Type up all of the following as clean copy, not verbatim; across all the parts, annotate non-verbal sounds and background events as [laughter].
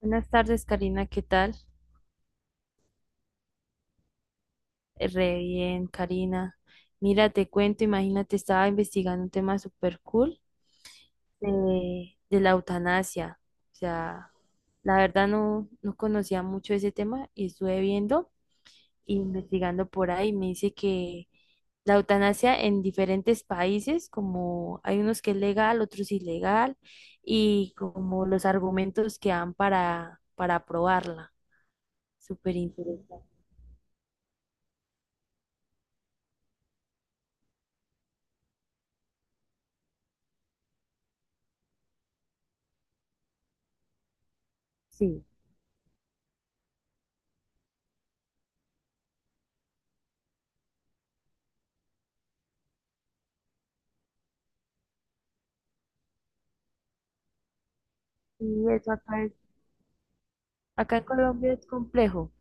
Buenas tardes, Karina, ¿qué tal? Re bien, Karina. Mira, te cuento, imagínate, estaba investigando un tema súper cool de la eutanasia. O sea, la verdad no conocía mucho ese tema y estuve viendo e investigando por ahí. Me dice que la eutanasia en diferentes países, como hay unos que es legal, otros ilegal, y como los argumentos que dan para aprobarla. Súper interesante. Sí. Y eso acá Acá en Colombia es complejo.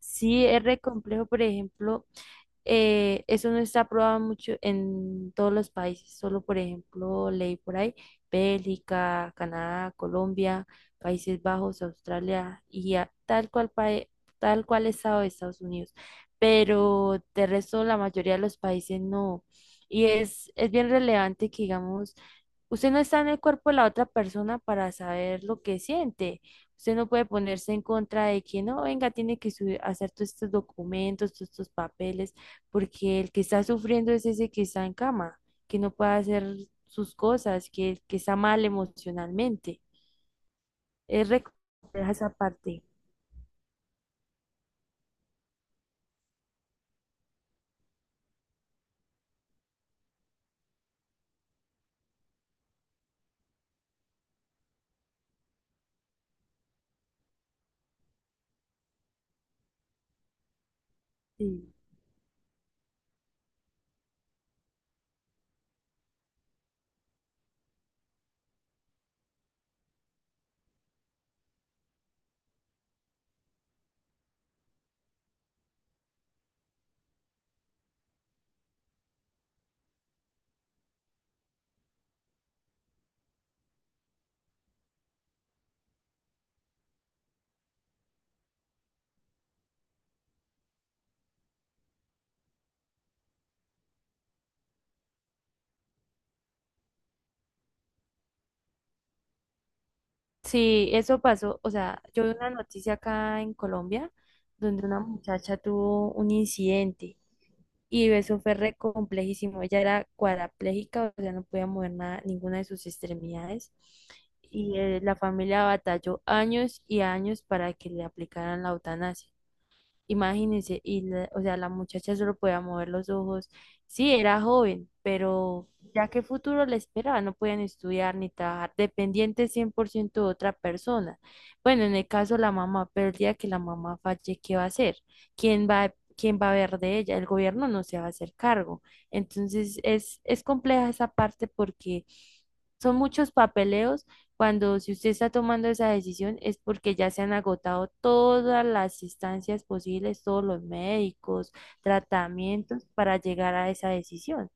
Sí, es re complejo, por ejemplo, eso no está aprobado mucho en todos los países, solo por ejemplo, leí por ahí, Bélgica, Canadá, Colombia, Países Bajos, Australia y tal cual estado de Estados Unidos. Pero de resto la mayoría de los países no. Y es bien relevante que digamos, usted no está en el cuerpo de la otra persona para saber lo que siente. Usted no puede ponerse en contra de que no, venga, tiene que subir, hacer todos estos documentos, todos estos papeles porque el que está sufriendo es ese que está en cama, que no puede hacer sus cosas, que está mal emocionalmente. Es re compleja esa parte. Sí. Sí, eso pasó. O sea, yo vi una noticia acá en Colombia donde una muchacha tuvo un incidente y eso fue re complejísimo. Ella era cuadraplégica, o sea, no podía mover nada, ninguna de sus extremidades. Y la familia batalló años y años para que le aplicaran la eutanasia. Imagínense, y o sea, la muchacha solo podía mover los ojos. Sí, era joven, pero ya qué futuro le esperaba, no podían estudiar ni trabajar, dependientes 100% de otra persona. Bueno, en el caso de la mamá, pero el día que la mamá falle, ¿qué va a hacer? ¿Quién va quién va a ver de ella? El gobierno no se va a hacer cargo. Entonces, es compleja esa parte porque son muchos papeleos cuando si usted está tomando esa decisión es porque ya se han agotado todas las instancias posibles, todos los médicos, tratamientos para llegar a esa decisión.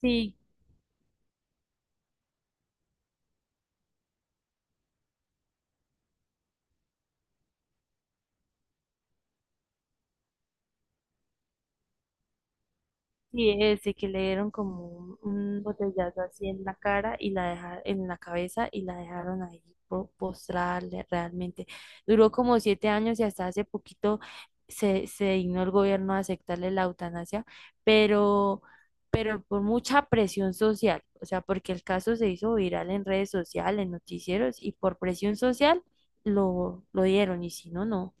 Sí, sí, ese que le dieron como un botellazo así en la cara y la dejaron en la cabeza y la dejaron ahí postrada realmente. Duró como 7 años y hasta hace poquito se dignó el gobierno a aceptarle la eutanasia, pero, pero por mucha presión social, o sea, porque el caso se hizo viral en redes sociales, en noticieros y por presión social lo dieron y si no, no.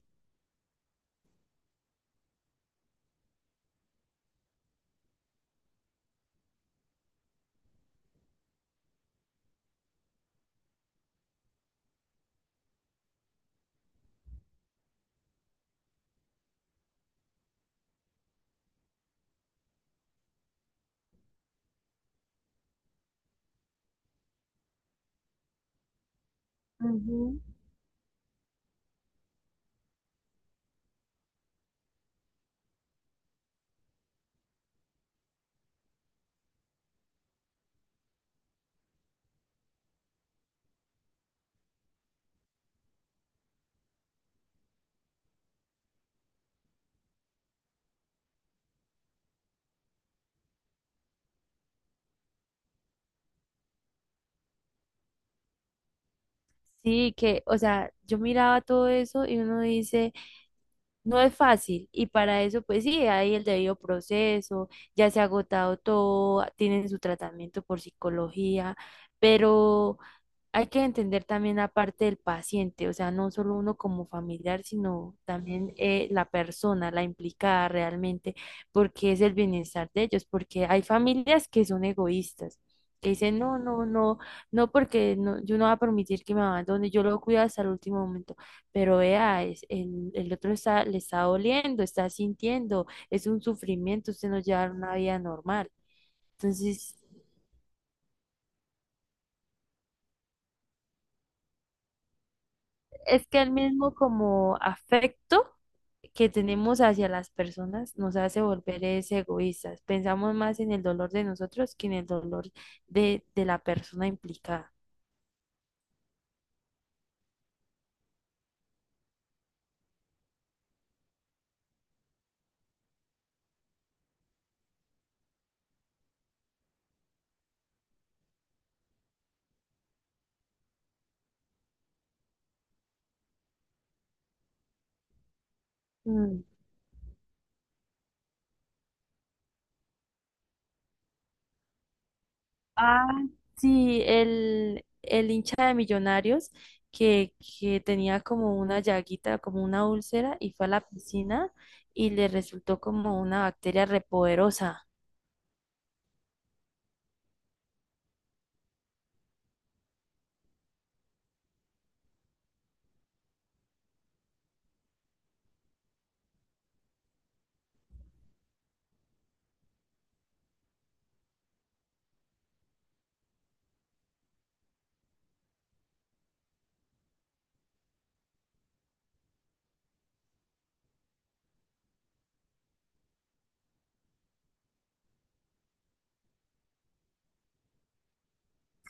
Ujú. Sí, que, o sea, yo miraba todo eso y uno dice, no es fácil y para eso pues sí, hay el debido proceso, ya se ha agotado todo, tienen su tratamiento por psicología, pero hay que entender también la parte del paciente, o sea, no solo uno como familiar, sino también la persona, la implicada realmente, porque es el bienestar de ellos, porque hay familias que son egoístas, que dicen, no, no, no, no, porque no, yo no voy a permitir que me abandone, yo lo cuido hasta el último momento, pero vea, el otro está, le está doliendo, está sintiendo, es un sufrimiento, usted no lleva una vida normal. Entonces, es que el mismo como afecto que tenemos hacia las personas nos hace volver es egoístas. Pensamos más en el dolor de nosotros que en el dolor de la persona implicada. Mm. Ah, sí, el hincha de Millonarios que, que tenía como una llaguita, como una úlcera, y fue a la piscina y le resultó como una bacteria repoderosa.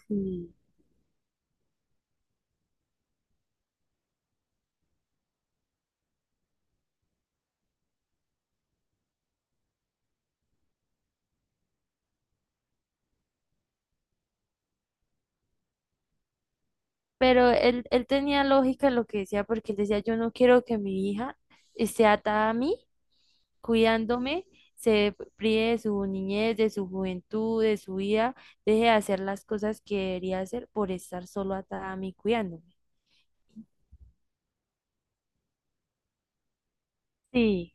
Sí. Pero él tenía lógica en lo que decía, porque él decía, yo no quiero que mi hija esté atada a mí cuidándome, se prive de su niñez, de su juventud, de su vida, deje de hacer las cosas que debería hacer por estar solo atada a mí cuidándome. Sí,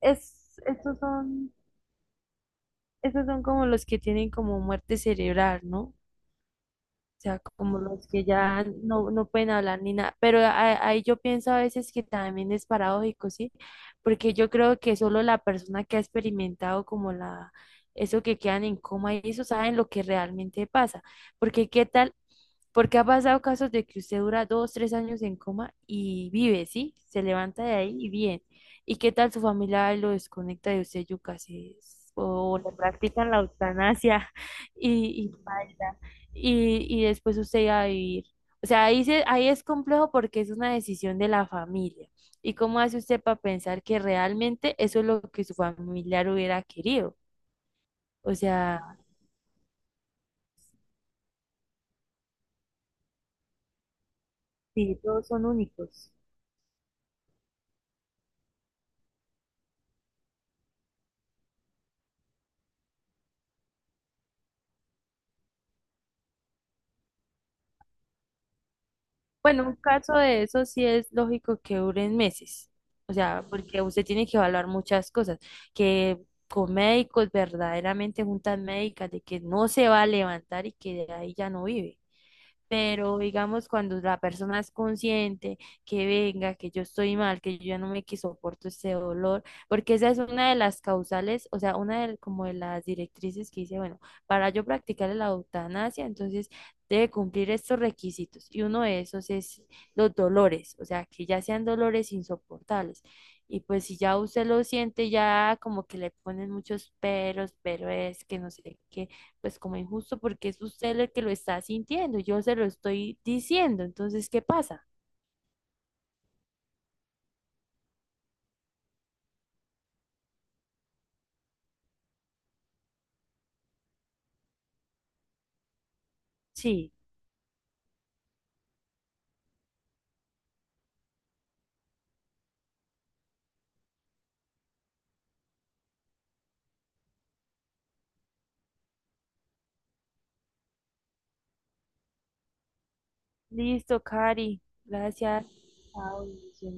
es, estos son, estos son como los que tienen como muerte cerebral, ¿no? O sea, como los que ya no pueden hablar ni nada. Pero ahí yo pienso a veces que también es paradójico, ¿sí? Porque yo creo que solo la persona que ha experimentado como la, eso que quedan en coma y eso saben lo que realmente pasa. Porque qué tal porque ha pasado casos de que usted dura 2, 3 años en coma y vive, ¿sí? Se levanta de ahí y bien. ¿Y qué tal su familia lo desconecta de usted, yuca? O le practican la eutanasia [laughs] y paila. Y después usted va a vivir. O sea, ahí es complejo porque es una decisión de la familia. ¿Y cómo hace usted para pensar que realmente eso es lo que su familiar hubiera querido? O sea, sí, todos son únicos. Bueno, un caso de eso sí es lógico que duren meses, o sea, porque usted tiene que evaluar muchas cosas, que con médicos verdaderamente juntas médicas, de que no se va a levantar y que de ahí ya no vive. Pero digamos, cuando la persona es consciente que venga, que yo estoy mal, que yo ya no me que soporto ese dolor, porque esa es una de las causales, o sea, una de, como de las directrices que dice, bueno, para yo practicar la eutanasia, entonces debe cumplir estos requisitos. Y uno de esos es los dolores, o sea, que ya sean dolores insoportables. Y pues si ya usted lo siente, ya como que le ponen muchos peros, pero es que no sé qué pues como injusto porque es usted el que lo está sintiendo, yo se lo estoy diciendo, entonces, ¿qué pasa? Sí, listo, Cari, gracias. Chao, bendiciones.